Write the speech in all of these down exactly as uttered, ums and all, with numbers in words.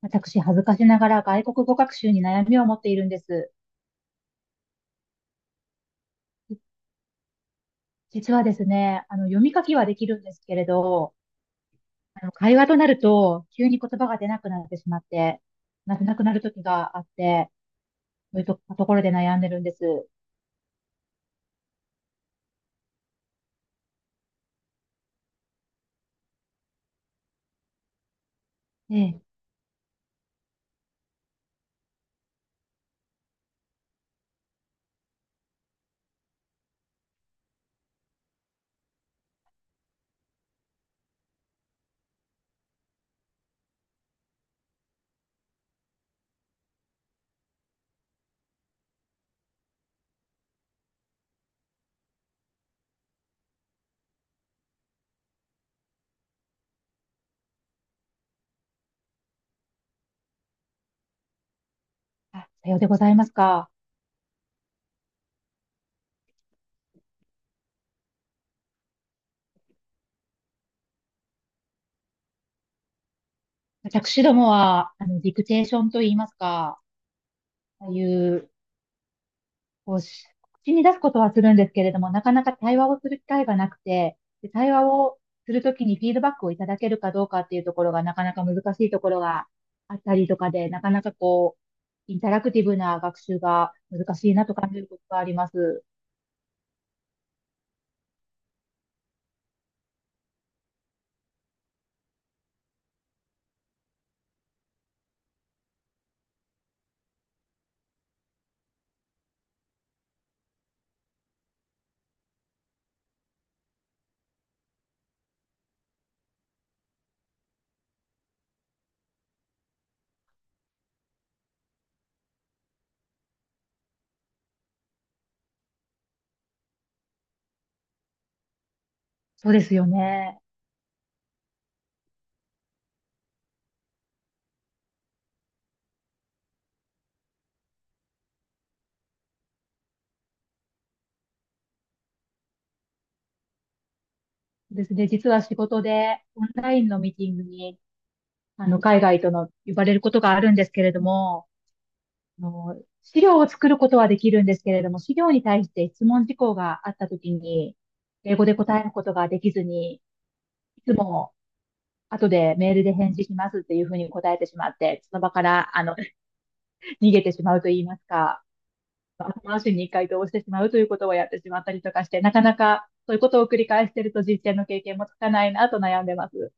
私、恥ずかしながら外国語学習に悩みを持っているんです。じ実はですね、あの、読み書きはできるんですけれど、あの、会話となると、急に言葉が出なくなってしまって、なくなくなる時があって、そういうとところで悩んでるんです。ええ。あ、さようでございますか。私どもは、あの、ディクテーションと言いますか、ああいうこうし、口に出すことはするんですけれども、なかなか対話をする機会がなくて、で、対話をするときにフィードバックをいただけるかどうかっていうところがなかなか難しいところがあったりとかで、なかなかこう、インタラクティブな学習が難しいなと感じることがあります。そうですよね。ですね。実は仕事でオンラインのミーティングに、あの、海外との呼ばれることがあるんですけれども、あの、資料を作ることはできるんですけれども、資料に対して質問事項があったときに、英語で答えることができずに、いつも後でメールで返事しますっていうふうに答えてしまって、その場から、あの 逃げてしまうと言いますか、まあ後回しに回答をしてしまうということをやってしまったりとかして、なかなかそういうことを繰り返していると実践の経験もつかないなと悩んでます。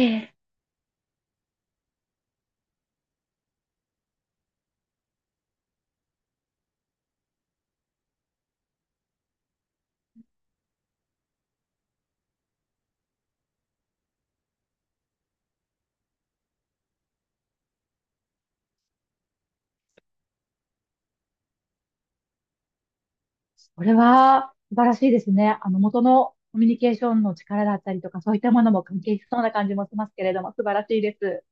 ええ。これは素晴らしいですね。あの、元のコミュニケーションの力だったりとか、そういったものも関係しそうな感じもしますけれども、素晴らしいです。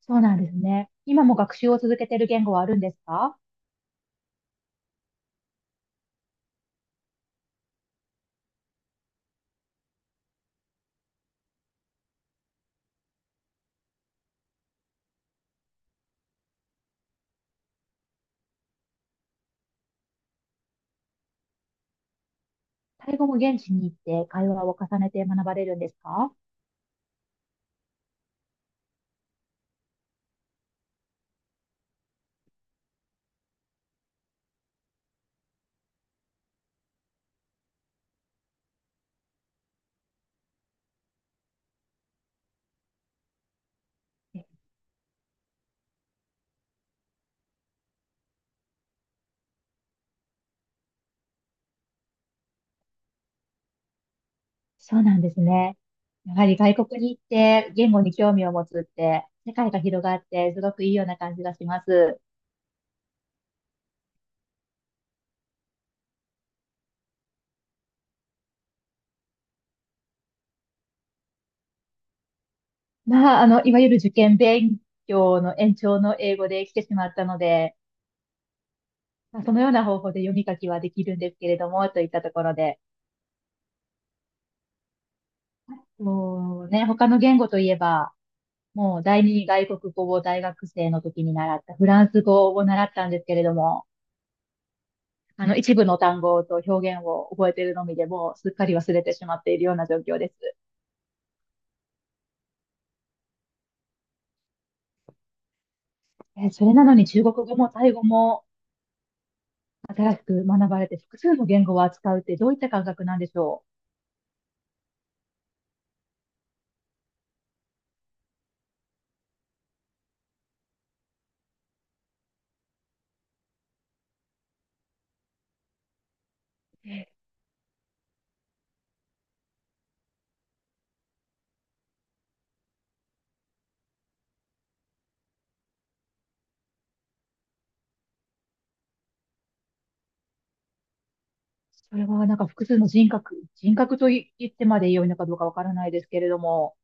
そうなんですね。今も学習を続けている言語はあるんですか？タイ語も現地に行って会話を重ねて学ばれるんですか？え、そうなんですね。やはり外国に行って言語に興味を持つって、世界が広がって、すごくいいような感じがします。まあ、あの、いわゆる受験勉強の延長の英語で来てしまったので、まあそのような方法で読み書きはできるんですけれども、といったところで、こうね、他の言語といえば、もう第二外国語を大学生の時に習ったフランス語を習ったんですけれども、あの一部の単語と表現を覚えているのみでもうすっかり忘れてしまっているような状況です。えーそれなのに中国語もタイ語も新しく学ばれて複数の言語を扱うってどういった感覚なんでしょう？えーそれはなんか複数の人格、人格とい言ってまで良いのかどうかわからないですけれども、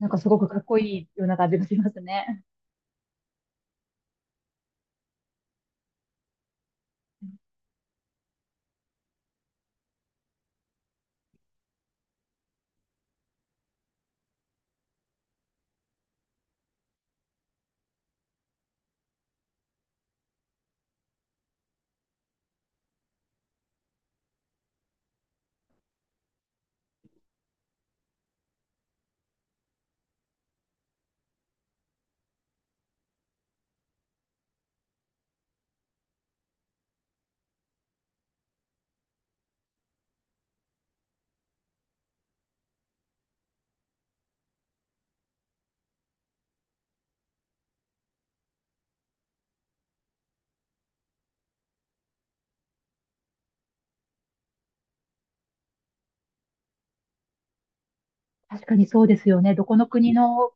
なんかすごくかっこいいような感じがしますね。確かにそうですよね。どこの国の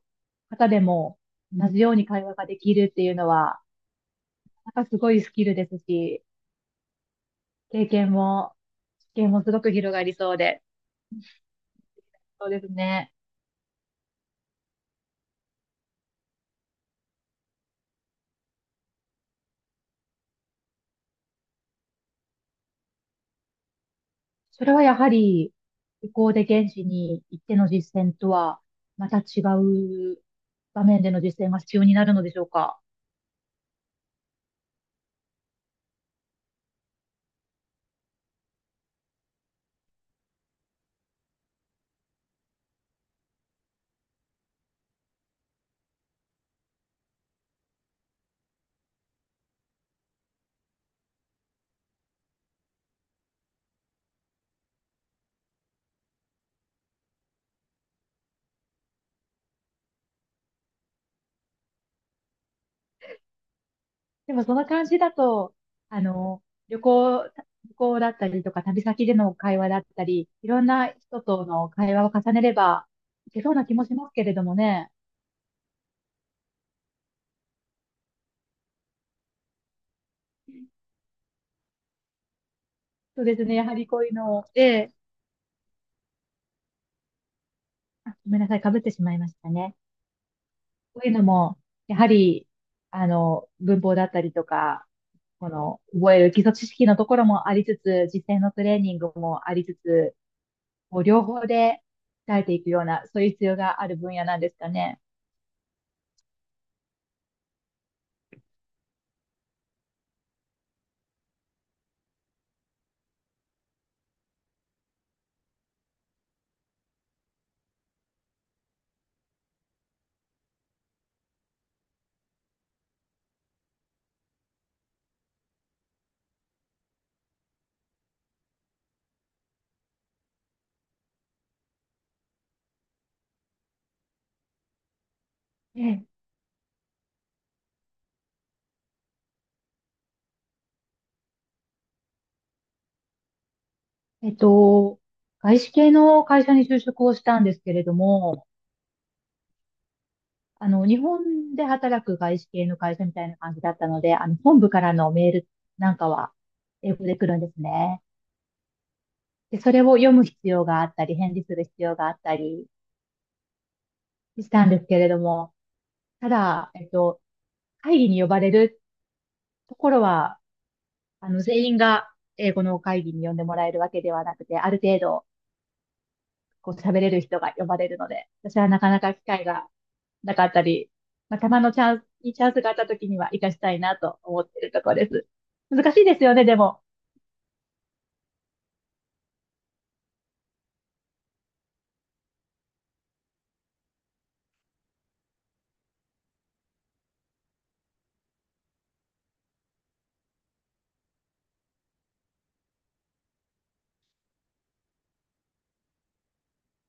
方でもう同んじように会話ができるっていうのは、なんかすごいスキルですし、経験も、知見もすごく広がりそうで。そうですね。それはやはり、旅行で現地に行っての実践とは、また違う場面での実践が必要になるのでしょうか。でもその感じだと、あの、旅行、旅行だったりとか、旅先での会話だったり、いろんな人との会話を重ねれば、いけそうな気もしますけれどもね。そうですね。やはりこういうのを、で、あ、ごめんなさい。かぶってしまいましたね。こういうのも、やはり、あの、文法だったりとか、この、覚える基礎知識のところもありつつ、実践のトレーニングもありつつ、こう両方で鍛えていくような、そういう必要がある分野なんですかね。えええっと、外資系の会社に就職をしたんですけれども、あの、日本で働く外資系の会社みたいな感じだったので、あの、本部からのメールなんかは英語で来るんですね。で、それを読む必要があったり、返事する必要があったりしたんですけれども、ただ、えっと、会議に呼ばれるところは、あの、全員が英語の会議に呼んでもらえるわけではなくて、ある程度、こう喋れる人が呼ばれるので、私はなかなか機会がなかったり、まあ、たまのチャンス、いいチャンスがあった時には活かしたいなと思っているところです。難しいですよね、でも。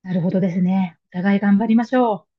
なるほどですね。お互い頑張りましょう。